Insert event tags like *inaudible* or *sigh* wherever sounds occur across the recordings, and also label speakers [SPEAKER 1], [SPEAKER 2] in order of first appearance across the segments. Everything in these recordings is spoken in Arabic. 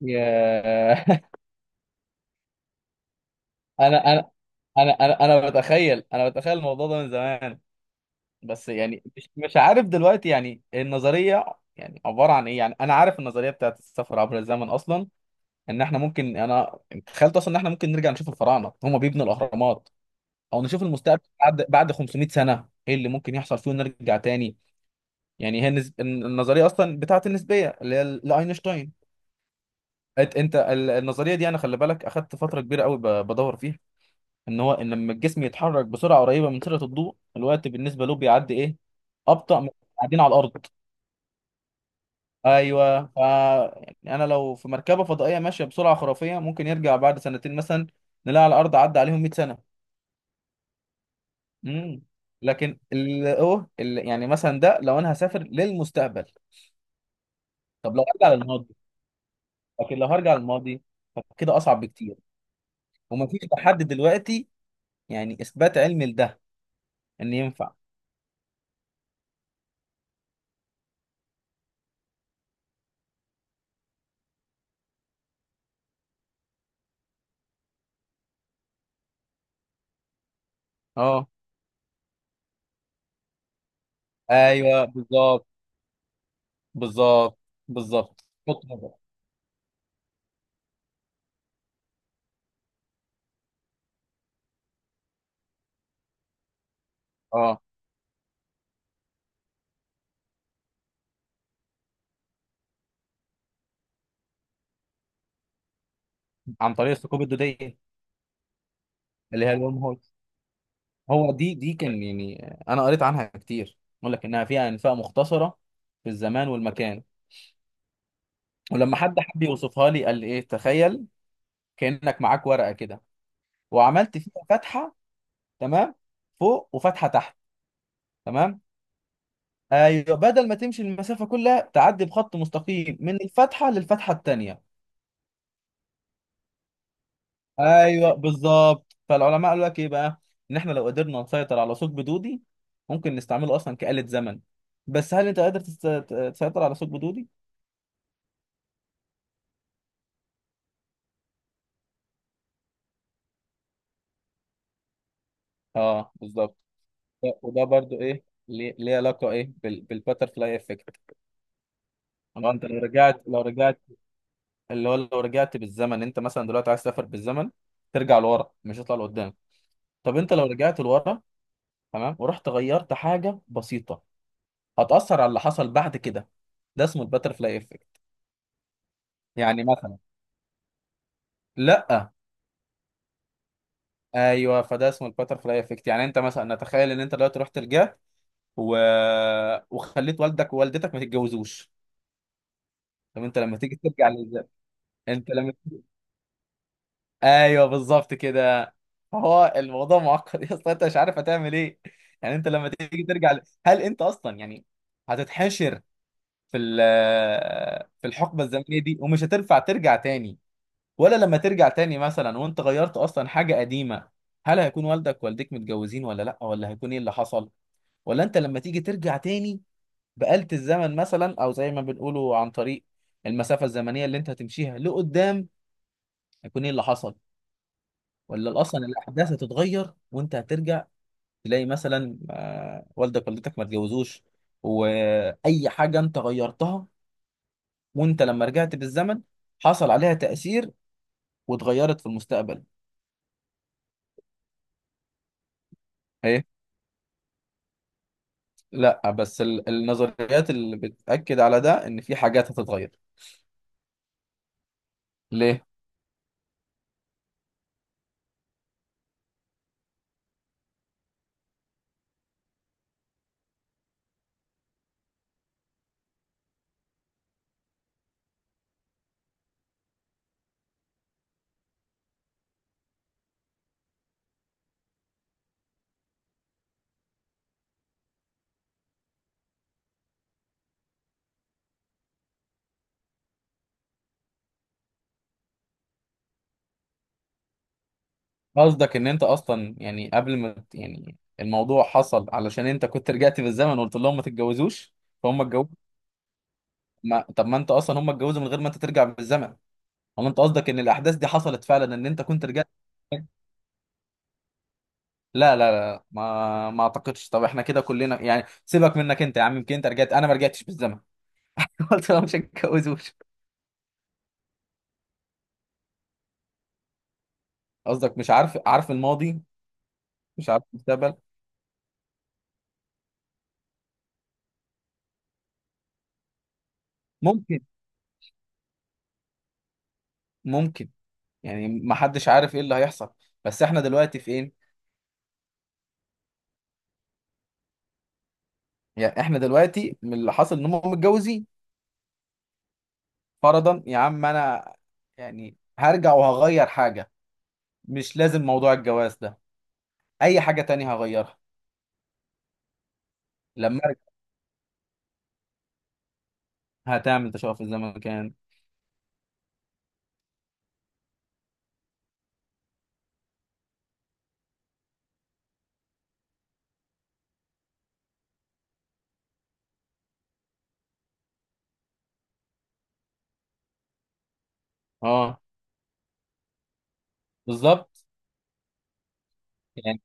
[SPEAKER 1] يا *laughs* انا انا انا بتخيل الموضوع ده من زمان. بس يعني مش عارف دلوقتي، يعني النظريه يعني عباره عن ايه؟ يعني انا عارف النظريه بتاعت السفر عبر الزمن اصلا، ان احنا ممكن تخيلت اصلا ان احنا ممكن نرجع نشوف الفراعنه هم بيبنوا الاهرامات، او نشوف المستقبل بعد 500 سنه ايه اللي ممكن يحصل فيه، ونرجع تاني. يعني هي النظريه اصلا بتاعت النسبيه اللي هي لاينشتاين. انت النظريه دي انا خلي بالك اخدت فتره كبيره قوي بدور فيها، ان هو ان لما الجسم يتحرك بسرعه قريبه من سرعه الضوء الوقت بالنسبه له بيعدي ايه، ابطا من قاعدين على الارض. ايوه، ف يعني انا لو في مركبه فضائيه ماشيه بسرعه خرافيه ممكن يرجع بعد سنتين مثلا، نلاقي على الارض عدى عليهم 100 سنه. امم لكن ال يعني مثلا ده لو انا هسافر للمستقبل، طب لو ارجع للماضي. لكن لو هرجع للماضي فكده اصعب بكتير. ومفيش لحد دلوقتي يعني اثبات علمي لده ان ينفع. اه، ايوه بالظبط. بالظبط. بالظبط، حط بقى. اه، عن طريق الثقوب الدوديه، اللي هي الورم هول. هو دي كان يعني انا قريت عنها كتير، يقول لك انها فيها انفاق مختصره في الزمان والمكان. ولما حد حب يوصفها لي قال لي ايه، تخيل كانك معاك ورقه كده وعملت فيها فتحه، تمام، فوق وفتحه تحت، تمام. ايوه، بدل ما تمشي المسافه كلها تعدي بخط مستقيم من الفتحه للفتحه التانيه. ايوه بالظبط. فالعلماء قالوا لك ايه بقى، ان احنا لو قدرنا نسيطر على ثقب دودي ممكن نستعمله اصلا كآلة زمن. بس هل انت قادر تسيطر على ثقب دودي؟ اه بالظبط. ده- وده برضو ايه ليه علاقه ايه بالباترفلاي افكت؟ لو انت لو رجعت، اللي هو لو رجعت بالزمن انت مثلا دلوقتي عايز تسافر بالزمن، ترجع لورا مش هتطلع لقدام. طب انت لو رجعت لورا، تمام، ورحت غيرت حاجه بسيطه، هتأثر على اللي حصل بعد كده. ده اسمه الباترفلاي افكت. يعني مثلا، لا، ايوه، فده اسمه الباتر فلاي افكت. يعني انت مثلا نتخيل ان انت دلوقتي رحت و... وخليت والدك ووالدتك ما تتجوزوش. طب انت لما تيجي ترجع للزمن، انت لما، ايوه بالظبط كده. فهو الموضوع معقد *laughs* يا اسطى، انت مش عارف هتعمل ايه. يعني انت لما تيجي ترجع هل انت اصلا يعني هتتحشر في في الحقبه الزمنيه دي ومش هتنفع ترجع تاني؟ ولا لما ترجع تاني مثلا وانت غيرت اصلا حاجه قديمه، هل هيكون والدك والدتك متجوزين ولا لا؟ ولا هيكون ايه اللي حصل؟ ولا انت لما تيجي ترجع تاني بآلة الزمن مثلا، او زي ما بنقوله عن طريق المسافة الزمنية اللي انت هتمشيها لقدام، هيكون ايه اللي حصل؟ ولا اصلا الاحداث هتتغير وانت هترجع تلاقي مثلا والدك والدتك ما اتجوزوش، واي حاجة انت غيرتها وانت لما رجعت بالزمن حصل عليها تأثير واتغيرت في المستقبل. ايه، لا، بس النظريات اللي بتأكد على ده ان في حاجات هتتغير. ليه؟ قصدك ان انت اصلا يعني قبل ما يعني الموضوع حصل علشان انت كنت رجعت بالزمن وقلت لهم ما تتجوزوش، فهم اتجوزوا. ما... طب ما انت اصلا هم اتجوزوا من غير ما انت ترجع بالزمن، ولا انت قصدك ان الاحداث دي حصلت فعلا ان انت كنت رجعت؟ لا لا لا، ما اعتقدش. طب احنا كده كلنا يعني سيبك منك انت يا عم، يمكن انت رجعت انا ما رجعتش بالزمن. *laughs* قلت لهم مش هتجوزوش. قصدك مش عارف، عارف الماضي، مش عارف المستقبل. ممكن. ممكن. يعني ما حدش عارف ايه اللي هيحصل. بس احنا دلوقتي في ايه؟ يعني احنا دلوقتي من اللي حصل ان هم متجوزين. فرضا يا عم انا يعني هرجع وهغير حاجه، مش لازم موضوع الجواز ده، اي حاجه تانية هغيرها لما ارجع. هتعمل تشوف في الزمن كان. اه، بالظبط. يعني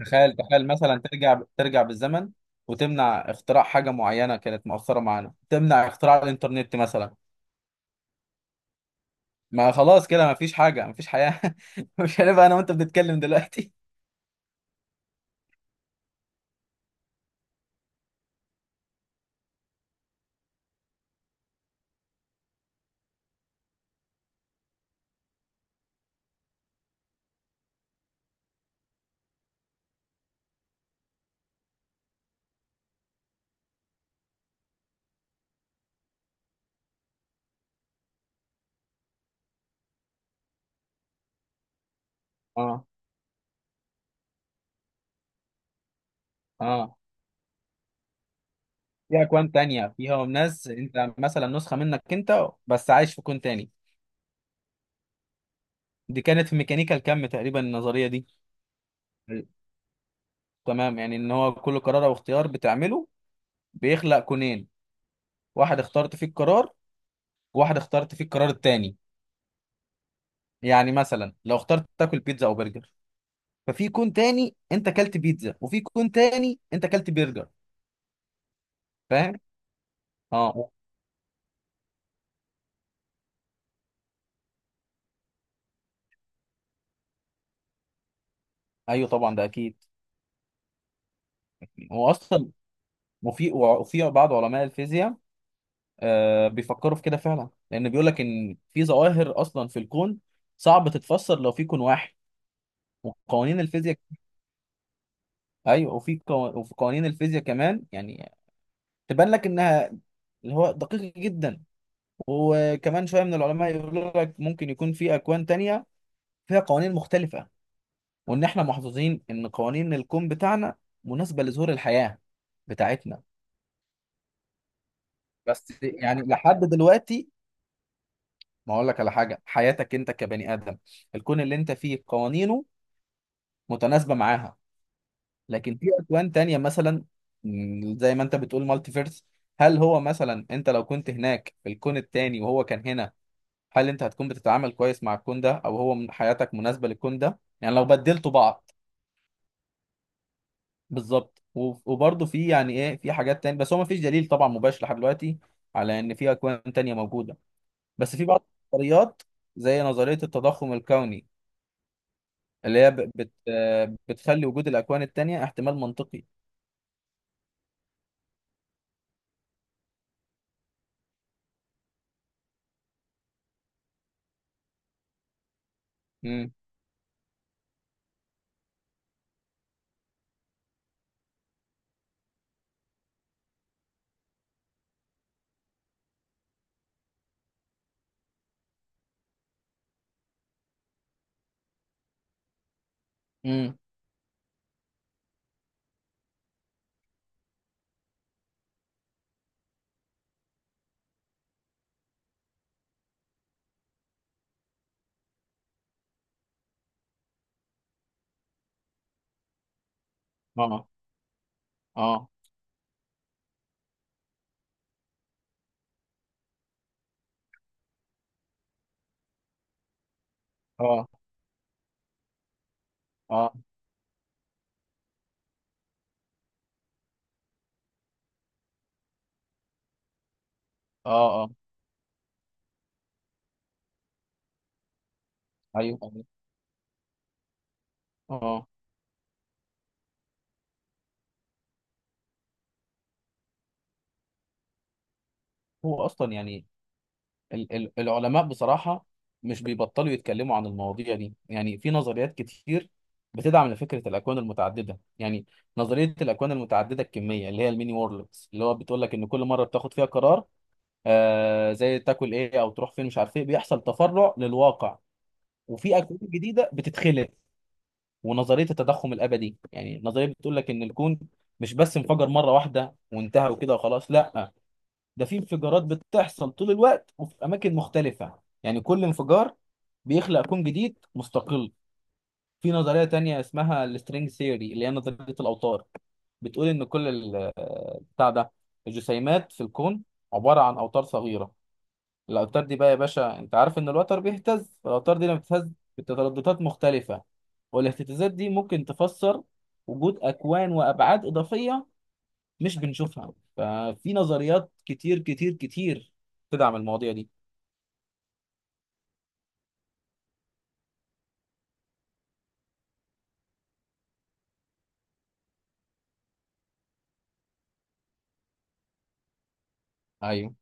[SPEAKER 1] تخيل، تخيل مثلا ترجع ترجع بالزمن وتمنع اختراع حاجه معينه كانت مؤثره معانا، تمنع اختراع الانترنت مثلا، ما خلاص كده ما فيش حاجه ما فيش حياه. *laughs* مش هنبقى انا وانت بنتكلم دلوقتي. اه، اه، في أكوان تانية فيها ناس، أنت مثلا نسخة منك أنت بس عايش في كون تاني. دي كانت في ميكانيكا الكم تقريبا النظرية دي. تمام، يعني إن هو كل قرار أو اختيار بتعمله بيخلق كونين، واحد اخترت فيه القرار، وواحد اخترت فيه القرار التاني. يعني مثلا لو اخترت تاكل بيتزا أو برجر، ففي كون تاني أنت أكلت بيتزا وفي كون تاني أنت أكلت برجر. فاهم؟ أه، أيوه طبعا ده أكيد. هو أصلا وفي بعض علماء الفيزياء بيفكروا في كده فعلا، لان بيقول لك ان في ظواهر اصلا في الكون صعب تتفسر لو في كون واحد وقوانين الفيزياء. ايوه، وفي قوانين الفيزياء كمان يعني تبان لك انها، اللي هو دقيق جدا. وكمان شويه من العلماء يقولوا لك ممكن يكون في اكوان تانية فيها قوانين مختلفه، وان احنا محظوظين ان قوانين الكون بتاعنا مناسبه لظهور الحياه بتاعتنا. بس يعني لحد دلوقتي، ما اقول لك على حاجه، حياتك انت كبني ادم الكون اللي انت فيه قوانينه متناسبة معاها. لكن في أكوان تانية مثلا، زي ما أنت بتقول مالتي فيرس، هل هو مثلا أنت لو كنت هناك في الكون التاني وهو كان هنا، هل أنت هتكون بتتعامل كويس مع الكون ده، أو هو حياتك مناسبة للكون ده يعني لو بدلتوا بعض؟ بالظبط. و- وبرضه في يعني إيه في حاجات تانية، بس هو مفيش دليل طبعا مباشر لحد دلوقتي على إن في أكوان تانية موجودة. بس في بعض النظريات زي نظرية التضخم الكوني اللي هي ب- بت بتخلي وجود الأكوان التانية احتمال منطقي. امم امم اه، اه اه اه اه ايوه، ايوه، اه. هو اصلا يعني ال العلماء بصراحه مش بيبطلوا يتكلموا عن المواضيع دي، يعني في نظريات كتير بتدعم فكره الاكوان المتعدده. يعني نظريه الاكوان المتعدده الكميه اللي هي الميني وورلدز اللي هو بتقول لك ان كل مره بتاخد فيها قرار، آه زي تاكل ايه او تروح فين مش عارف ايه، بيحصل تفرع للواقع وفي اكوان جديده بتتخلق. ونظريه التضخم الابدي يعني النظريه بتقول لك ان الكون مش بس انفجر مره واحده وانتهى وكده وخلاص، لا، ده في انفجارات بتحصل طول الوقت وفي اماكن مختلفه، يعني كل انفجار بيخلق كون جديد مستقل. في نظريه تانية اسمها السترينج ثيوري اللي هي نظريه الاوتار، بتقول ان كل ال- بتاع ده الجسيمات في الكون عباره عن اوتار صغيره. الأوتار دي بقى يا باشا أنت عارف إن الوتر بيهتز، فالأوتار دي لما بتهتز بترددات مختلفة، والاهتزازات دي ممكن تفسر وجود أكوان وأبعاد إضافية مش بنشوفها. ففي نظريات كتير كتير تدعم المواضيع دي. أيوه.